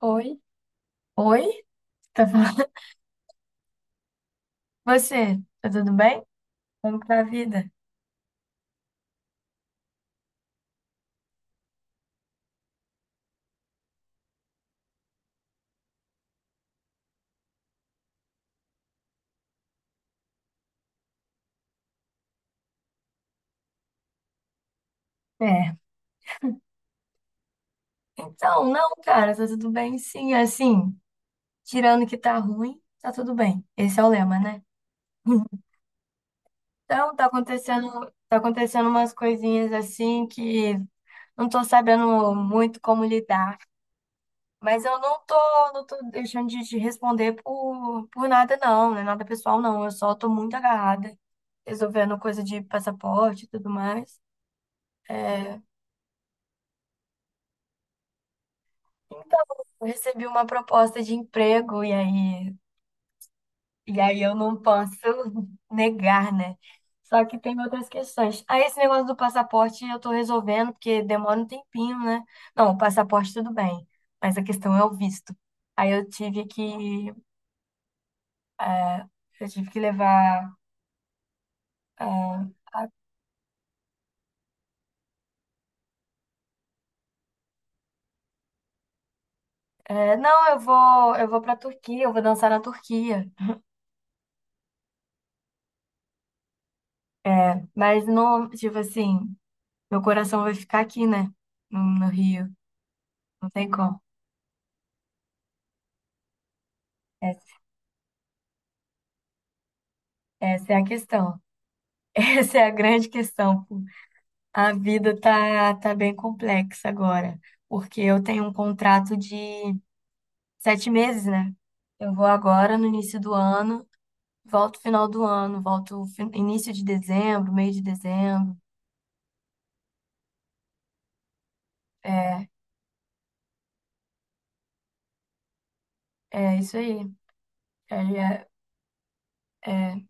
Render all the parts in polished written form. Oi, oi, tá falando? Você, tá tudo bem? Como que tá a vida? É. Então, não, cara, tá tudo bem sim, assim, tirando que tá ruim, tá tudo bem. Esse é o lema, né? Então, tá acontecendo umas coisinhas assim que não tô sabendo muito como lidar, mas eu não tô deixando de te responder por nada não, não é nada pessoal não, eu só tô muito agarrada, resolvendo coisa de passaporte e tudo mais. É. Então, eu recebi uma proposta de emprego e aí eu não posso negar, né? Só que tem outras questões. Aí esse negócio do passaporte eu tô resolvendo, porque demora um tempinho, né? Não, o passaporte tudo bem, mas a questão é o visto. Aí eh, eu tive que levar, eh, não, eu vou pra Turquia, eu vou dançar na Turquia. É, mas não, tipo assim, meu coração vai ficar aqui, né? No Rio, não tem como. É. Essa é a questão. Essa é a grande questão, pô. A vida tá bem complexa agora, porque eu tenho um contrato de 7 meses, né? Eu vou agora no início do ano, volto final do ano, volto início de dezembro, meio de dezembro. É, é isso aí. É, é, é.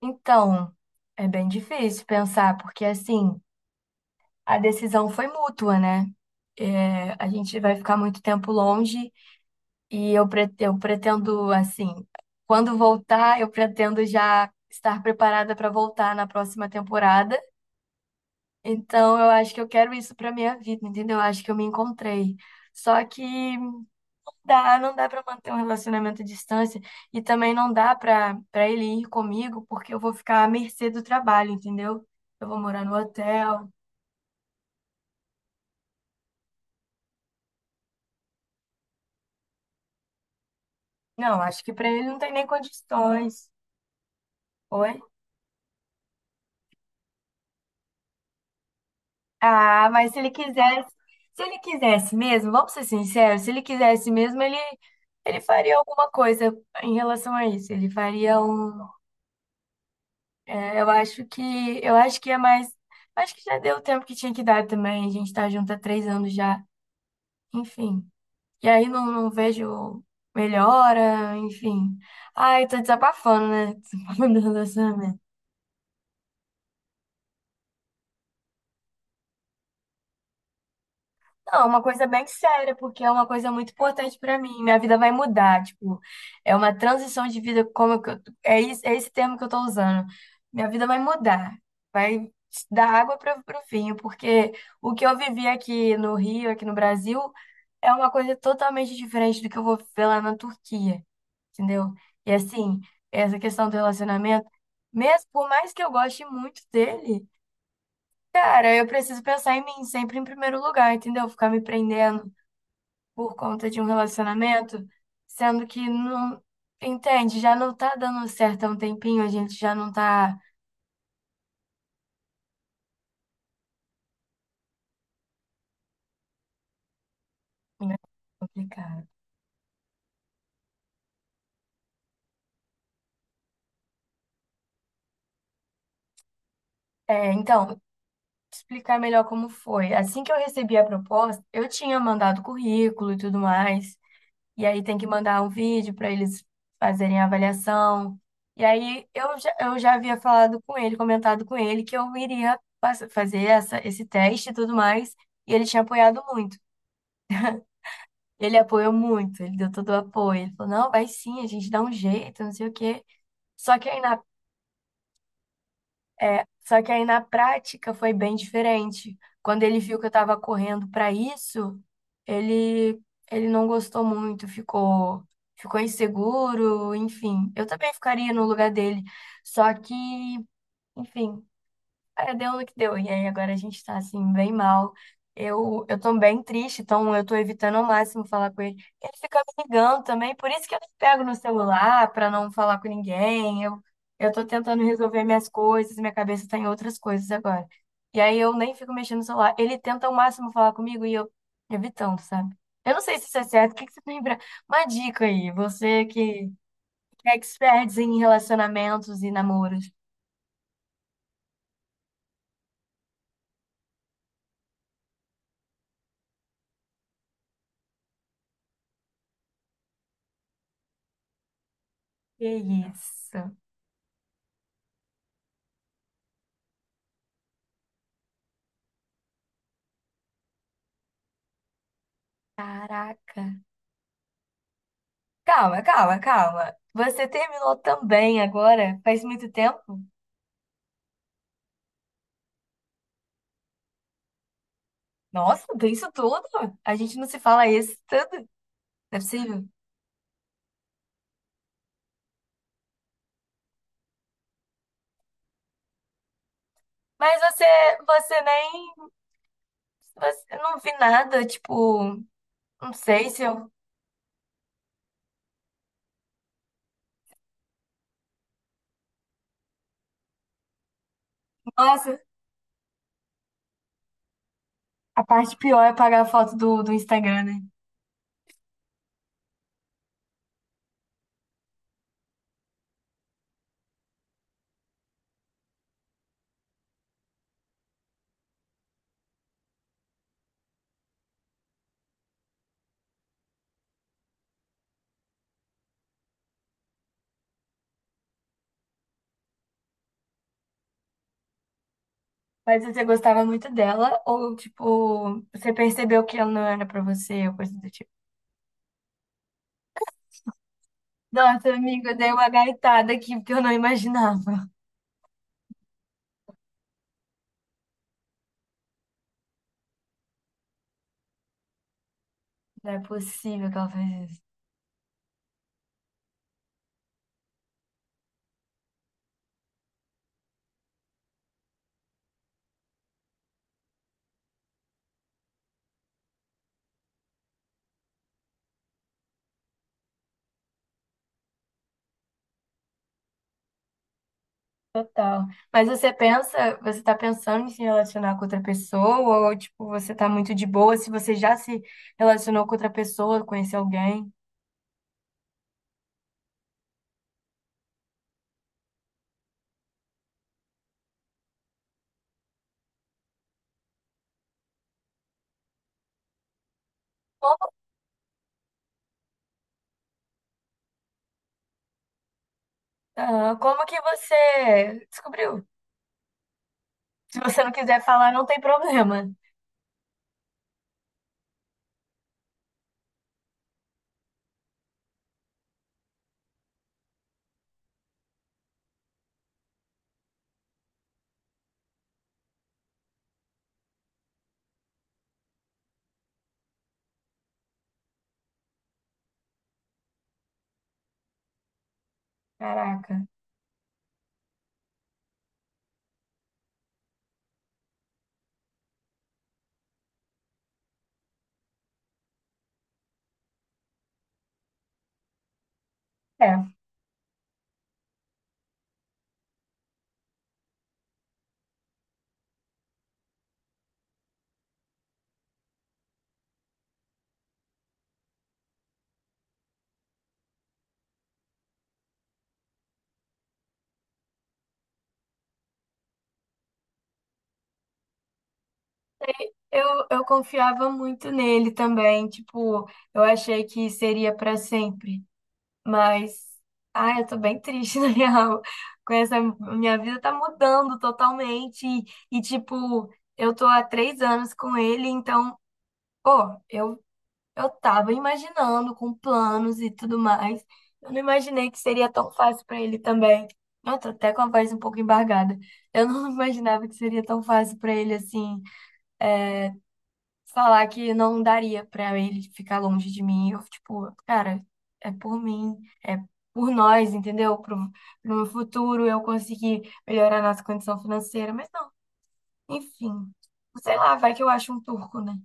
Então, é bem difícil pensar, porque assim, a decisão foi mútua, né? É, a gente vai ficar muito tempo longe. E eu pretendo, assim, quando voltar, eu pretendo já estar preparada para voltar na próxima temporada. Então, eu acho que eu quero isso para minha vida, entendeu? Eu acho que eu me encontrei. Só que dá, não dá para manter um relacionamento à distância e também não dá para ele ir comigo, porque eu vou ficar à mercê do trabalho, entendeu? Eu vou morar no hotel. Não, acho que para ele não tem nem condições. Oi? Ah, mas se ele quisesse, mesmo, vamos ser sinceros, se ele quisesse mesmo, ele faria alguma coisa em relação a isso. Ele faria um, é, eu acho que é mais, acho que já deu o tempo que tinha que dar também. A gente tá junto há 3 anos já, enfim. E aí não, não vejo melhora, enfim. Ai, tô desabafando, né? Desabafando essa. Não, é uma coisa bem séria, porque é uma coisa muito importante pra mim. Minha vida vai mudar, tipo, é uma transição de vida, como que é esse termo que eu tô usando. Minha vida vai mudar, vai dar água para o vinho, porque o que eu vivi aqui no Rio, aqui no Brasil, é uma coisa totalmente diferente do que eu vou ver lá na Turquia, entendeu? E assim, essa questão do relacionamento, mesmo por mais que eu goste muito dele, cara, eu preciso pensar em mim sempre em primeiro lugar, entendeu? Ficar me prendendo por conta de um relacionamento, sendo que não, entende, já não tá dando certo há um tempinho, a gente já não tá. Complicado. É, então, explicar melhor como foi. Assim que eu recebi a proposta, eu tinha mandado currículo e tudo mais, e aí tem que mandar um vídeo para eles fazerem a avaliação. E aí eu já havia falado com ele, comentado com ele que eu iria fazer esse teste e tudo mais, e ele tinha apoiado muito. Ele apoiou muito, ele deu todo o apoio. Ele falou, não, vai sim, a gente dá um jeito, não sei o quê. Só que aí na, só que aí na prática foi bem diferente. Quando ele viu que eu tava correndo para isso, ele, ele não gostou muito, ficou inseguro, enfim. Eu também ficaria no lugar dele. Só que, enfim, é, deu no que deu. E aí agora a gente tá assim, bem mal. Eu tô bem triste, então eu tô evitando ao máximo falar com ele. Ele fica me ligando também, por isso que eu pego no celular pra não falar com ninguém. Eu tô tentando resolver minhas coisas, minha cabeça tá em outras coisas agora. E aí eu nem fico mexendo no celular. Ele tenta ao máximo falar comigo e eu evitando, sabe? Eu não sei se isso é certo, o que que você lembra? Uma dica aí, você que é expert em relacionamentos e namoros. Que isso? Caraca. Calma, calma, calma. Você terminou também agora? Faz muito tempo? Nossa, tem isso tudo? A gente não se fala isso tudo? Não é possível? Mas você, você nem, você, eu não vi nada, tipo, não sei se eu... Nossa, a parte pior é apagar a foto do Instagram, né? Mas você gostava muito dela ou, tipo, você percebeu que ela não era pra você ou coisa do tipo? Nossa, amiga, eu dei uma gaitada aqui porque eu não imaginava. Não é possível que ela fez isso. Total. Mas você pensa, você tá pensando em se relacionar com outra pessoa ou tipo, você tá muito de boa se você já se relacionou com outra pessoa, conheceu alguém? Como, ah, como que você descobriu? Se você não quiser falar, não tem problema. Caraca. É. Eu confiava muito nele também, tipo, eu achei que seria pra sempre. Mas, ai, eu tô bem triste, na real. Com essa, minha vida tá mudando totalmente. E, tipo, eu tô há 3 anos com ele, então, pô, eu tava imaginando com planos e tudo mais. Eu não imaginei que seria tão fácil pra ele também. Eu tô até com a voz um pouco embargada. Eu não imaginava que seria tão fácil pra ele assim falar que não daria pra ele ficar longe de mim. Eu, tipo, cara, é por mim, é por nós, entendeu? Pro meu futuro eu conseguir melhorar a nossa condição financeira, mas não, enfim. Sei lá, vai que eu acho um turco, né?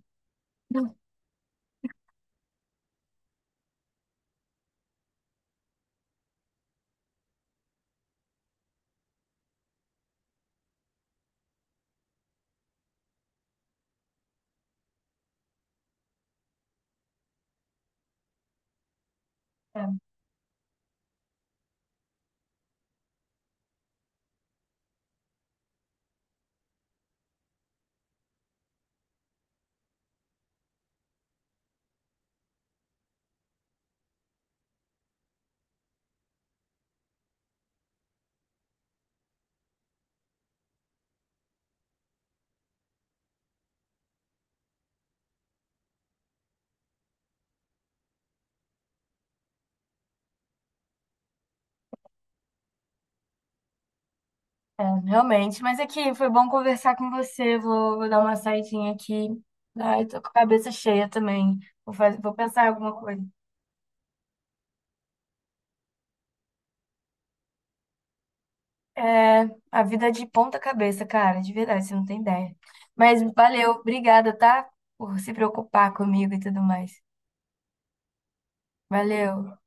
É, é, realmente, mas aqui foi bom conversar com você. Vou dar uma saidinha aqui. Ai, tô com a cabeça cheia também. Vou fazer, vou pensar em alguma coisa. É, a vida é de ponta cabeça, cara, de verdade, você não tem ideia. Mas valeu, obrigada, tá? Por se preocupar comigo e tudo mais. Valeu.